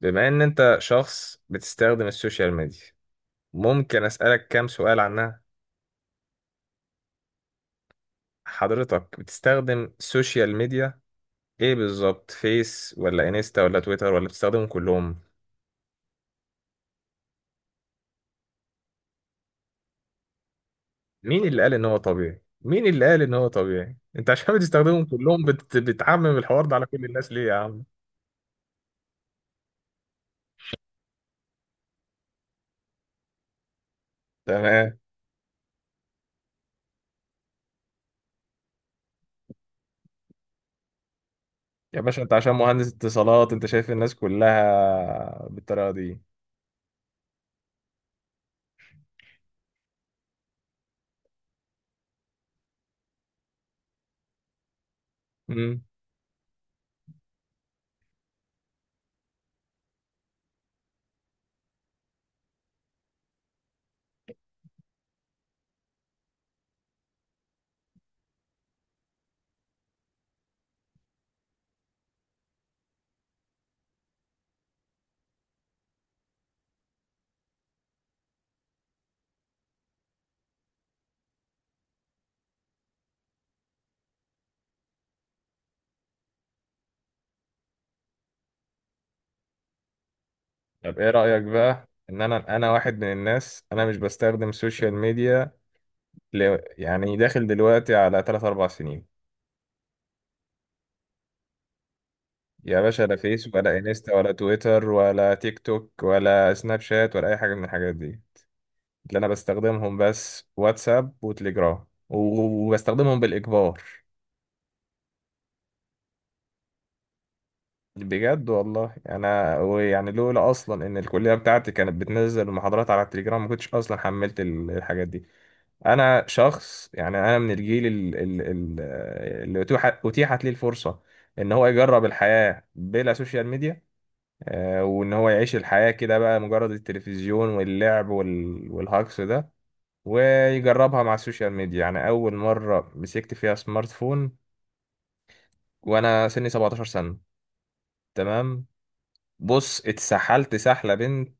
بما ان انت شخص بتستخدم السوشيال ميديا، ممكن اسألك كام سؤال عنها. حضرتك بتستخدم السوشيال ميديا ايه بالظبط؟ فيس ولا انستا ولا تويتر ولا بتستخدمهم كلهم؟ مين اللي قال ان هو طبيعي مين اللي قال ان هو طبيعي انت عشان بتستخدمهم كلهم بتعمم الحوار ده على كل الناس ليه يا عم؟ تمام. يا باشا انت عشان مهندس اتصالات انت شايف الناس كلها بالطريقة دي؟ امم طب ايه رأيك بقى ان انا واحد من الناس، انا مش بستخدم السوشيال ميديا، يعني داخل دلوقتي على تلات أربع سنين. يا باشا، لا فيس ولا انستا ولا تويتر ولا تيك توك ولا سناب شات ولا أي حاجة من الحاجات دي. اللي أنا بستخدمهم بس واتساب وتليجرام وبستخدمهم بالإجبار. بجد والله. أنا لولا أصلا إن الكلية بتاعتي كانت بتنزل المحاضرات على التليجرام ما كنتش أصلا حملت الحاجات دي. أنا شخص، أنا من الجيل اللي أتيحت ليه الفرصة إن هو يجرب الحياة بلا سوشيال ميديا، آه، وان هو يعيش الحياة كده بقى مجرد التلفزيون واللعب والهجص ده، ويجربها مع السوشيال ميديا. يعني اول مرة مسكت فيها سمارت فون وانا سني 17 سنة. تمام. بص، اتسحلت سحلة بنت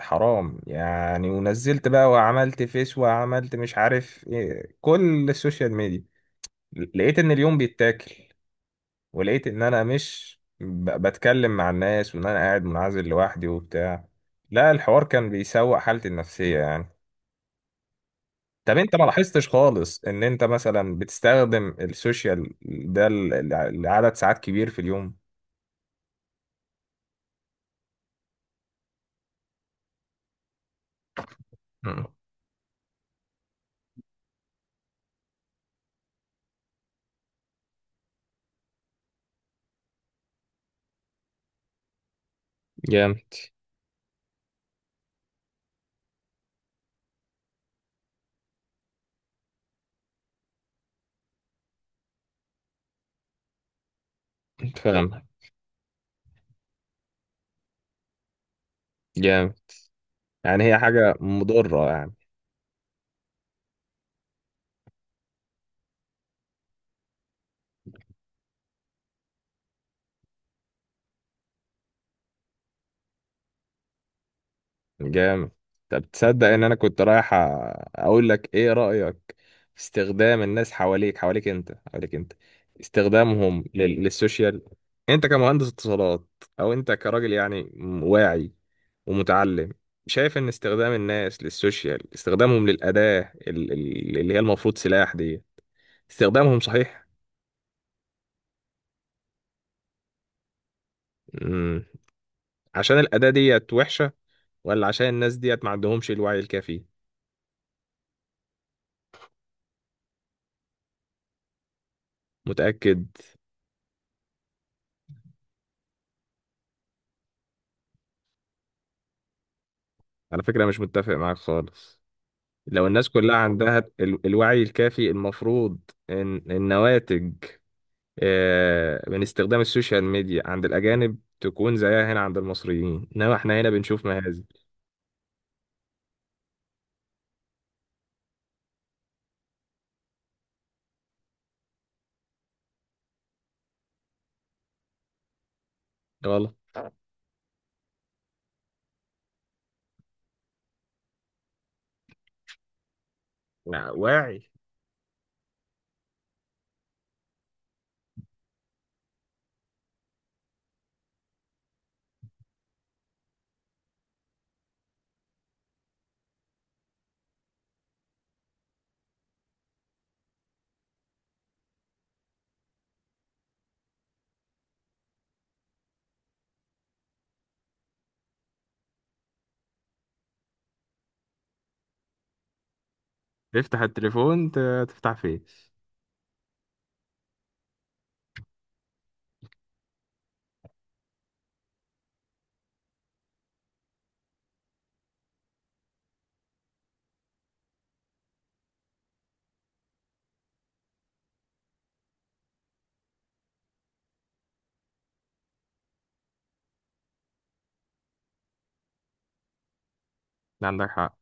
حرام يعني، ونزلت بقى وعملت فيس وعملت مش عارف ايه، كل السوشيال ميديا. لقيت ان اليوم بيتاكل، ولقيت ان انا مش بتكلم مع الناس، وان انا قاعد منعزل لوحدي وبتاع. لا، الحوار كان بيسوء حالتي النفسية يعني. طب انت ما لاحظتش خالص ان انت مثلا بتستخدم السوشيال ده لعدد ساعات كبير في اليوم؟ مم. جامد. فاهم. جامد. يعني هي حاجة مضرة. جامد. طب تصدق ان انا كنت رايح اقول لك ايه رأيك في استخدام الناس حواليك انت، استخدامهم للسوشيال؟ انت كمهندس اتصالات، او انت كراجل يعني واعي ومتعلم، شايف ان استخدام الناس للسوشيال، استخدامهم للأداة اللي هي المفروض سلاح دي، استخدامهم صحيح؟ مم. عشان الأداة ديت وحشة، ولا عشان الناس ديت ما عندهمش الوعي الكافي؟ متأكد؟ على فكرة مش متفق معاك خالص. لو الناس كلها عندها الوعي الكافي، المفروض ان النواتج، آه، من استخدام السوشيال ميديا عند الأجانب تكون زيها هنا عند المصريين، انما احنا هنا بنشوف مهازل. غلط. لا، واعي. تفتح التليفون، تفتح فيس. ده عندك حق.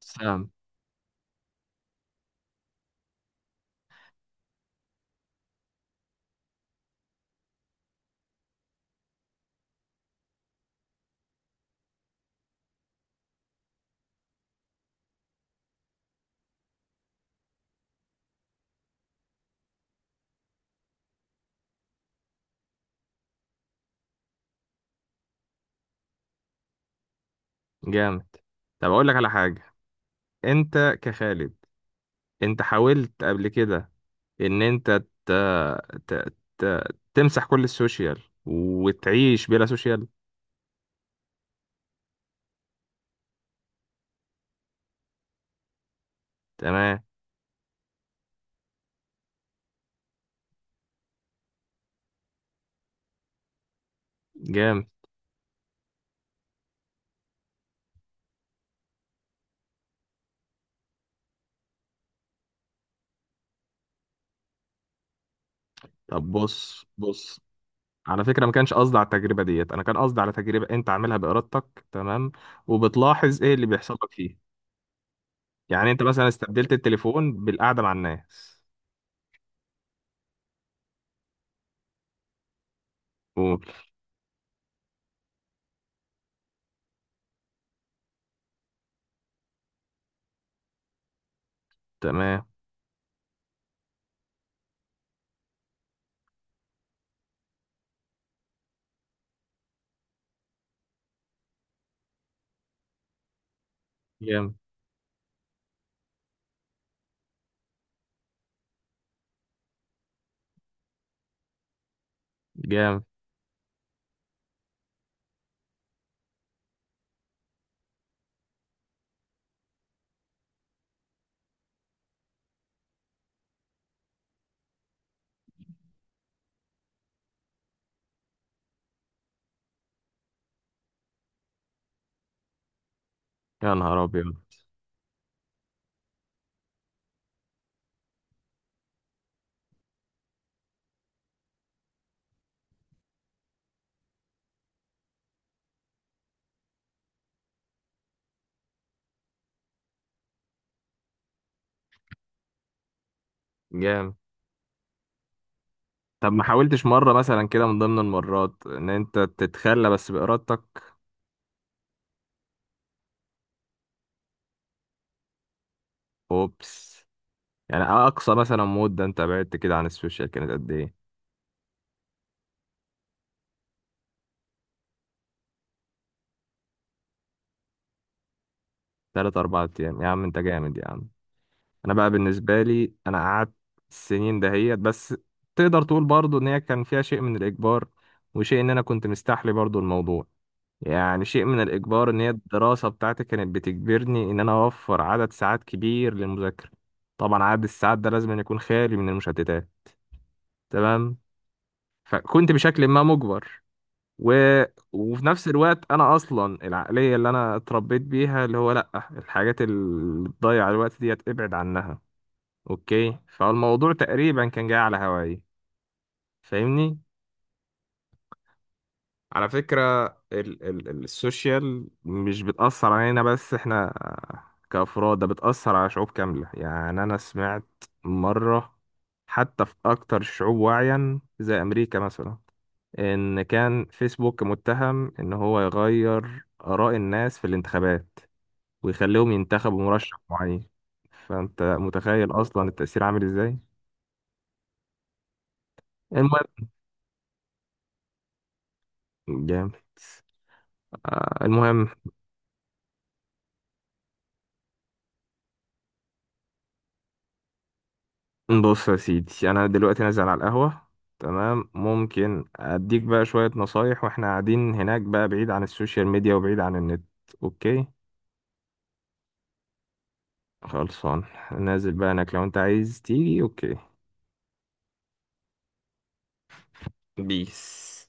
سام. جامد. طب اقول لك على حاجة. انت كخالد، انت حاولت قبل كده ان انت ت... ت... ت... تمسح كل السوشيال وتعيش بلا سوشيال؟ تمام. جامد. طب بص بص، على فكرة ما كانش قصدي على التجربة ديت، أنا كان قصدي على تجربة أنت عاملها بإرادتك، تمام، وبتلاحظ إيه اللي بيحصل لك فيه. يعني أنت مثلا استبدلت التليفون بالقعدة مع الناس. قول. تمام. جامد. جامد. يا نهار أبيض. جامد. طب ما حاولتش مرة مثلا كده من ضمن المرات إن أنت تتخلى بس بإرادتك؟ أوبس. يعني أقصى مثلا مدة أنت بعدت كده عن السوشيال كانت قد إيه؟ تلات أربع أيام؟ يا عم أنت جامد يا عم. انا بقى بالنسبه لي انا قعدت السنين دهيت بس، تقدر تقول برضو ان هي كان فيها شيء من الاجبار وشيء ان انا كنت مستحلي برضو الموضوع. يعني شيء من الاجبار ان هي الدراسه بتاعتي كانت بتجبرني ان انا اوفر عدد ساعات كبير للمذاكره. طبعا عدد الساعات ده لازم أن يكون خالي من المشتتات. تمام. فكنت بشكل ما مجبر، و... وفي نفس الوقت انا اصلا العقليه اللي انا اتربيت بيها، اللي هو لا، الحاجات اللي بتضيع الوقت ديت ابعد عنها. اوكي. فالموضوع تقريبا كان جاي على هواي. فاهمني. على فكرة السوشيال مش بتأثر علينا بس احنا كأفراد، ده بتأثر على شعوب كاملة. يعني أنا سمعت مرة حتى في أكتر الشعوب وعيا زي أمريكا مثلا، إن كان فيسبوك متهم إن هو يغير آراء الناس في الانتخابات، ويخليهم ينتخبوا مرشح معين. فأنت متخيل أصلا التأثير عامل إزاي؟ المهم. جامد. آه، المهم، بص يا سيدي انا دلوقتي نازل على القهوة، تمام؟ ممكن اديك بقى شوية نصايح واحنا قاعدين هناك، بقى بعيد عن السوشيال ميديا وبعيد عن النت. اوكي. خلصان. نازل بقى هناك، لو انت عايز تيجي اوكي. بيس.